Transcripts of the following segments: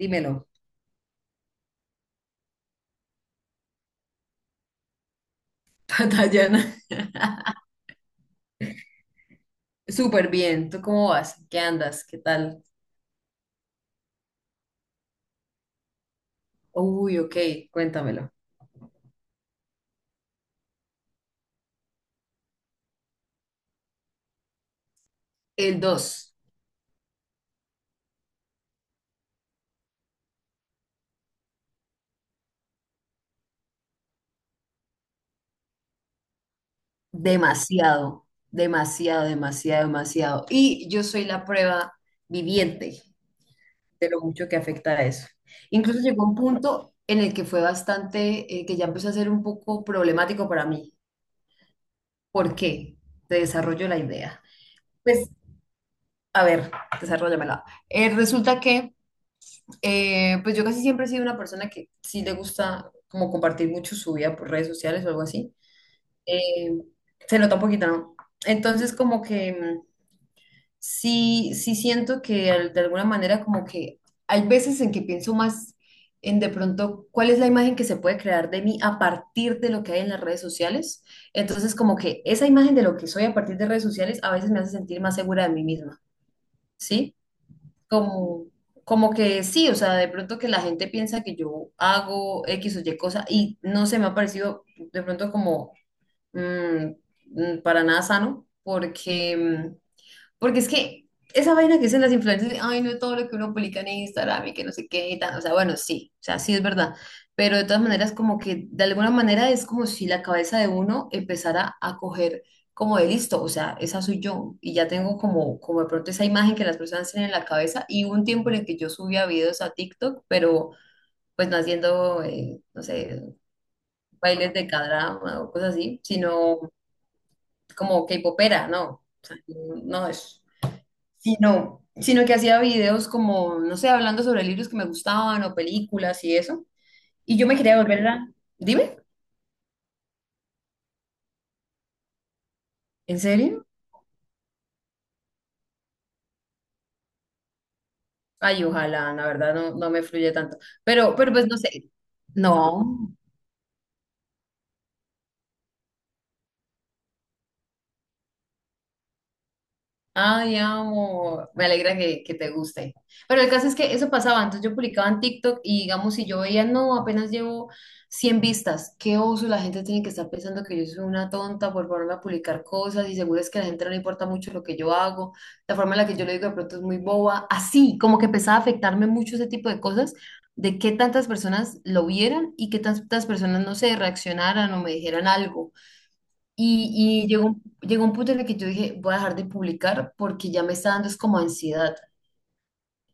Dímelo, Tatiana. Súper bien, ¿tú cómo vas? ¿Qué andas? ¿Qué tal? Uy, ok, cuéntamelo. El dos. Demasiado, demasiado, demasiado, demasiado. Y yo soy la prueba viviente de lo mucho que afecta a eso. Incluso llegó un punto en el que fue bastante, que ya empezó a ser un poco problemático para mí. ¿Por qué? Te desarrollo la idea. Pues, a ver, desarróllamela. Resulta que pues yo casi siempre he sido una persona que sí le gusta como compartir mucho su vida por redes sociales o algo así. Eh, Se nota un poquito, ¿no? Entonces como que sí, sí siento que de alguna manera como que hay veces en que pienso más en de pronto cuál es la imagen que se puede crear de mí a partir de lo que hay en las redes sociales. Entonces como que esa imagen de lo que soy a partir de redes sociales a veces me hace sentir más segura de mí misma, ¿sí? como, como que sí, o sea, de pronto que la gente piensa que yo hago X o Y cosa y no se me ha parecido de pronto como mm, para nada sano, porque porque es que esa vaina que dicen las influencers, ay, no todo lo que uno publica en Instagram y que no sé qué y tal. O sea, bueno, sí, o sea, sí es verdad. Pero de todas maneras, como que de alguna manera es como si la cabeza de uno empezara a coger como de listo, o sea, esa soy yo. Y ya tengo como, como de pronto esa imagen que las personas tienen en la cabeza. Y hubo un tiempo en el que yo subía videos a TikTok, pero pues no haciendo, no sé, bailes de k o cosas así, sino como K-popera, ¿no? O sea, no es sino que hacía videos como, no sé, hablando sobre libros que me gustaban o películas y eso. Y yo me quería volver a... Dime, ¿en serio? Ay, ojalá, la verdad no, no me fluye tanto. Pero pues no sé. No. Ay, amo, me alegra que te guste. Pero el caso es que eso pasaba, entonces yo publicaba en TikTok y digamos, si yo veía, no, apenas llevo 100 vistas, qué oso, la gente tiene que estar pensando que yo soy una tonta por ponerme a publicar cosas y seguro es que a la gente no le importa mucho lo que yo hago, la forma en la que yo lo digo de pronto es muy boba, así, como que empezaba a afectarme mucho ese tipo de cosas, de qué tantas personas lo vieran y qué tantas personas, no sé, reaccionaran o me dijeran algo. Y llegó, llegó un punto en el que yo dije, voy a dejar de publicar porque ya me está dando es como ansiedad,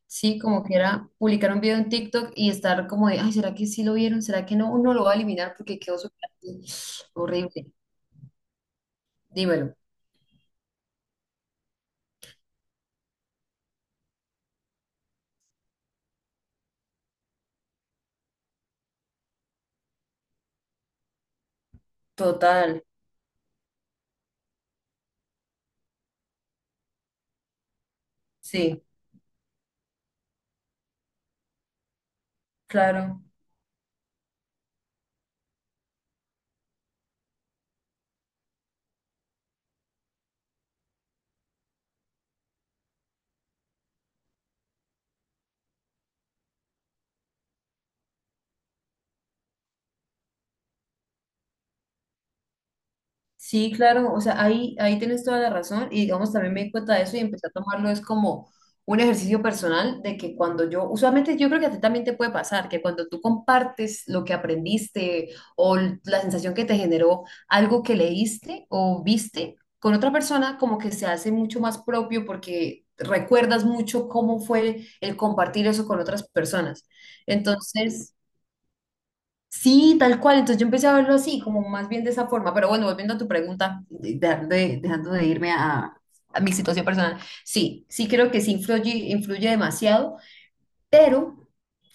¿sí? Como que era publicar un video en TikTok y estar como de, ay, ¿será que sí lo vieron? ¿Será que no? Uno lo va a eliminar porque quedó súper horrible. Dímelo. Total, sí, claro. Sí, claro, o sea, ahí tienes toda la razón y digamos, también me di cuenta de eso y empecé a tomarlo es como un ejercicio personal de que cuando yo, usualmente yo creo que a ti también te puede pasar, que cuando tú compartes lo que aprendiste o la sensación que te generó algo que leíste o viste con otra persona, como que se hace mucho más propio porque recuerdas mucho cómo fue el compartir eso con otras personas. Entonces... Sí, tal cual. Entonces yo empecé a verlo así, como más bien de esa forma. Pero bueno, volviendo a tu pregunta, dejando de irme a, mi situación personal. Sí, sí creo que sí influye, influye demasiado, pero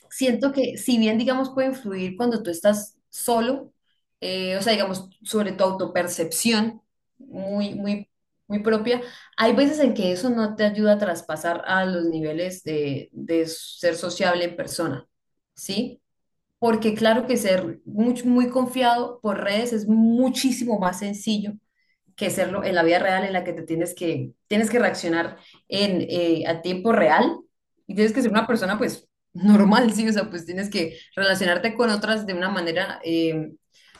siento que si bien, digamos, puede influir cuando tú estás solo, o sea, digamos, sobre tu autopercepción muy, muy, muy propia, hay veces en que eso no te ayuda a traspasar a los niveles de ser sociable en persona, ¿sí? Porque claro que ser muy, muy confiado por redes es muchísimo más sencillo que serlo en la vida real en la que te tienes que reaccionar a tiempo real y tienes que ser una persona pues normal, sí, o sea, pues tienes que relacionarte con otras de una manera,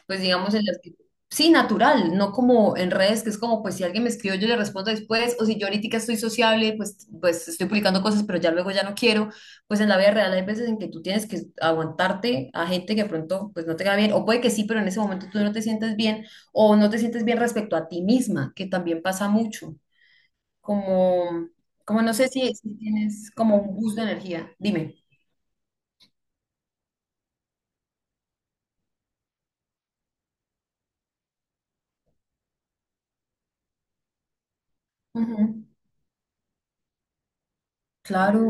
pues digamos, en las que, sí, natural, no como en redes, que es como pues si alguien me escribió yo le respondo después, o si yo ahorita estoy sociable, pues, pues estoy publicando cosas, pero ya luego ya no quiero, pues en la vida real hay veces en que tú tienes que aguantarte a gente que de pronto pues no te va bien, o puede que sí, pero en ese momento tú no te sientes bien o no te sientes bien respecto a ti misma, que también pasa mucho, como, como no sé si, si tienes como un boost de energía, dime. Ujú. Claro.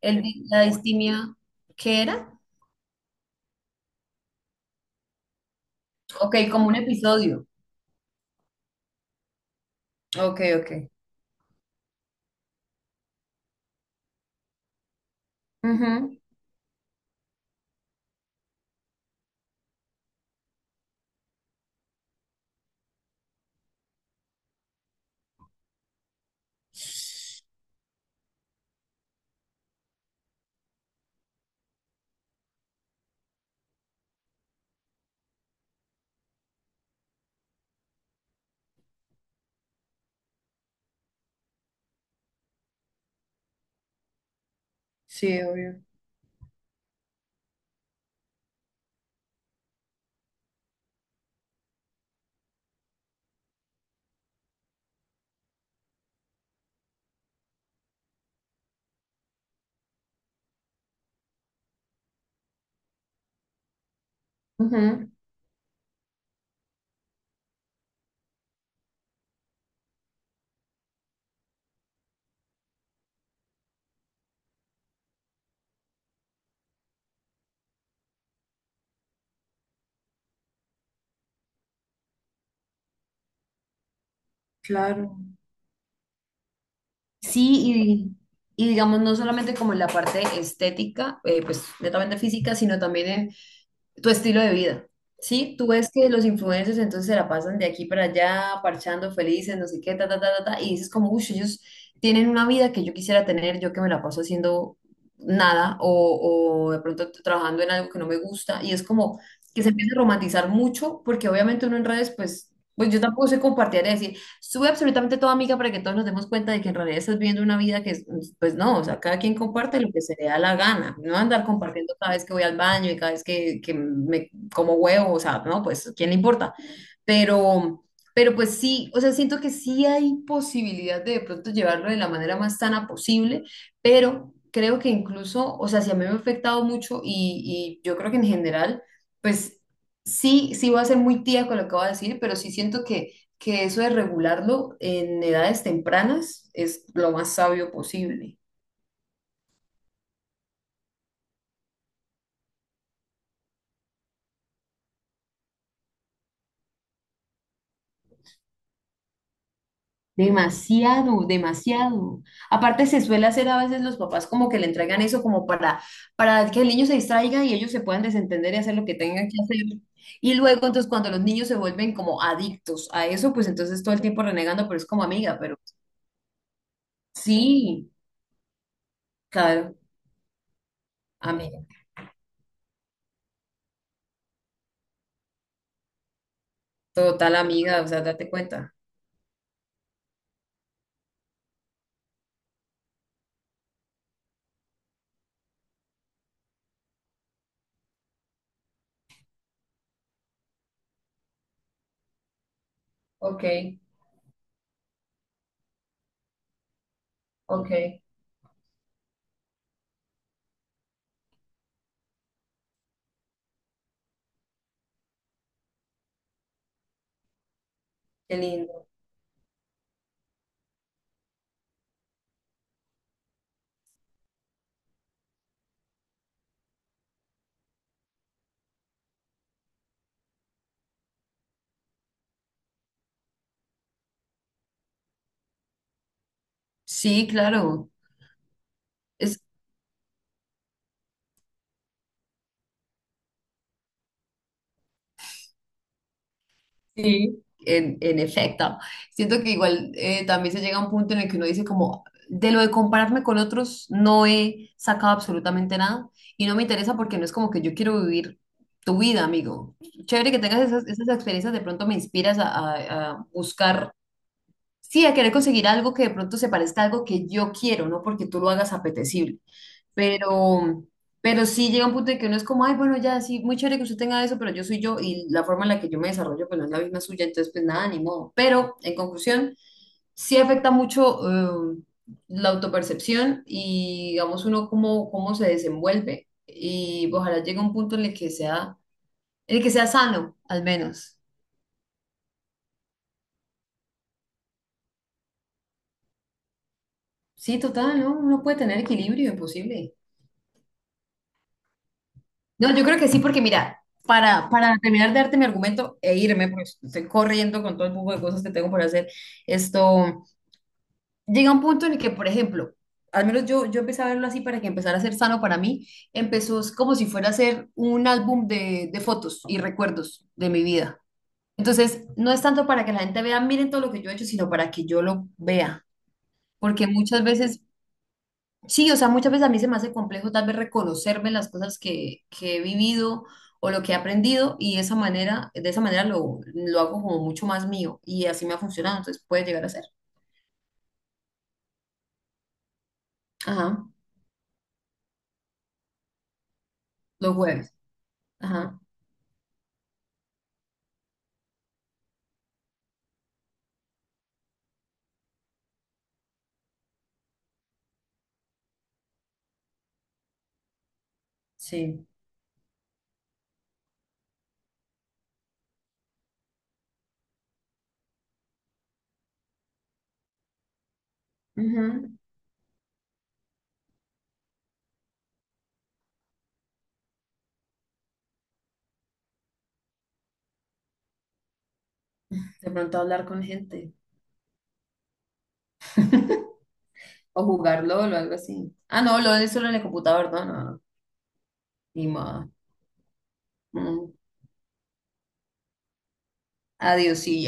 La distimia, ¿qué era? Ok, como un episodio. Ok, ok. Ujú. Sí, obvio. Ujú. Claro. Sí, y digamos, no solamente como en la parte estética, pues netamente física, sino también en tu estilo de vida, ¿sí? Tú ves que los influencers entonces se la pasan de aquí para allá, parchando, felices, no sé qué, ta, ta, ta, ta, ta, y dices como, uy, ellos tienen una vida que yo quisiera tener, yo que me la paso haciendo nada, o de pronto trabajando en algo que no me gusta, y es como que se empieza a romantizar mucho, porque obviamente uno en redes, pues, pues yo tampoco sé compartir y decir sube absolutamente todo amiga para que todos nos demos cuenta de que en realidad estás viviendo una vida que, es, pues no, o sea, cada quien comparte lo que se le da la gana, no andar compartiendo cada vez que voy al baño y cada vez que me como huevo, o sea, no, pues, ¿quién le importa? Pero, pero pues sí, o sea, siento que sí hay posibilidad de pronto llevarlo de la manera más sana posible, pero creo que incluso, o sea, si a mí me ha afectado mucho y yo creo que en general, pues sí, sí voy a ser muy tía con lo que voy a decir, pero sí siento que eso de regularlo en edades tempranas es lo más sabio posible. Demasiado, demasiado. Aparte se suele hacer a veces los papás como que le entregan eso como para que el niño se distraiga y ellos se puedan desentender y hacer lo que tengan que hacer. Y luego entonces cuando los niños se vuelven como adictos a eso, pues entonces todo el tiempo renegando, pero es como amiga, pero sí, claro, amiga, total amiga, o sea, date cuenta. Ok, ok, qué lindo. Sí, claro. Sí, en efecto. Siento que igual también se llega a un punto en el que uno dice como, de lo de compararme con otros, no he sacado absolutamente nada y no me interesa porque no es como que yo quiero vivir tu vida, amigo. Chévere que tengas esas experiencias, de pronto me inspiras a, a buscar. Sí, a querer conseguir algo que de pronto se parezca a algo que yo quiero, no porque tú lo hagas apetecible. Pero, pero sí llega un punto en que uno es como, ay, bueno, ya, sí, muy chévere que usted tenga eso, pero yo soy yo y la forma en la que yo me desarrollo, pues no es la misma suya, entonces, pues nada, ni modo. Pero, en conclusión, sí afecta mucho eh, la autopercepción y, digamos, uno cómo se desenvuelve. Y ojalá llegue un punto en el que sea, en el que sea sano, al menos. Sí, total, ¿no? Uno puede tener equilibrio, imposible. No, yo creo que sí, porque mira, para terminar de darte mi argumento e irme, porque estoy corriendo con todo el poco de cosas que tengo por hacer, esto llega un punto en el que, por ejemplo, al menos yo, yo empecé a verlo así para que empezara a ser sano para mí, empezó es como si fuera a ser un álbum de fotos y recuerdos de mi vida. Entonces, no es tanto para que la gente vea, miren todo lo que yo he hecho, sino para que yo lo vea, porque muchas veces sí, o sea, muchas veces a mí se me hace complejo tal vez reconocerme las cosas que he vivido o lo que he aprendido y de esa manera lo hago como mucho más mío y así me ha funcionado, entonces puede llegar a ser. Ajá, los jueves. Ajá, sí. Ujú. De pronto hablar con gente o jugar LOL o algo así. Ah, no, LOL es solo en el computador, no, no, no, ni modo. Mm. Adiós, sí,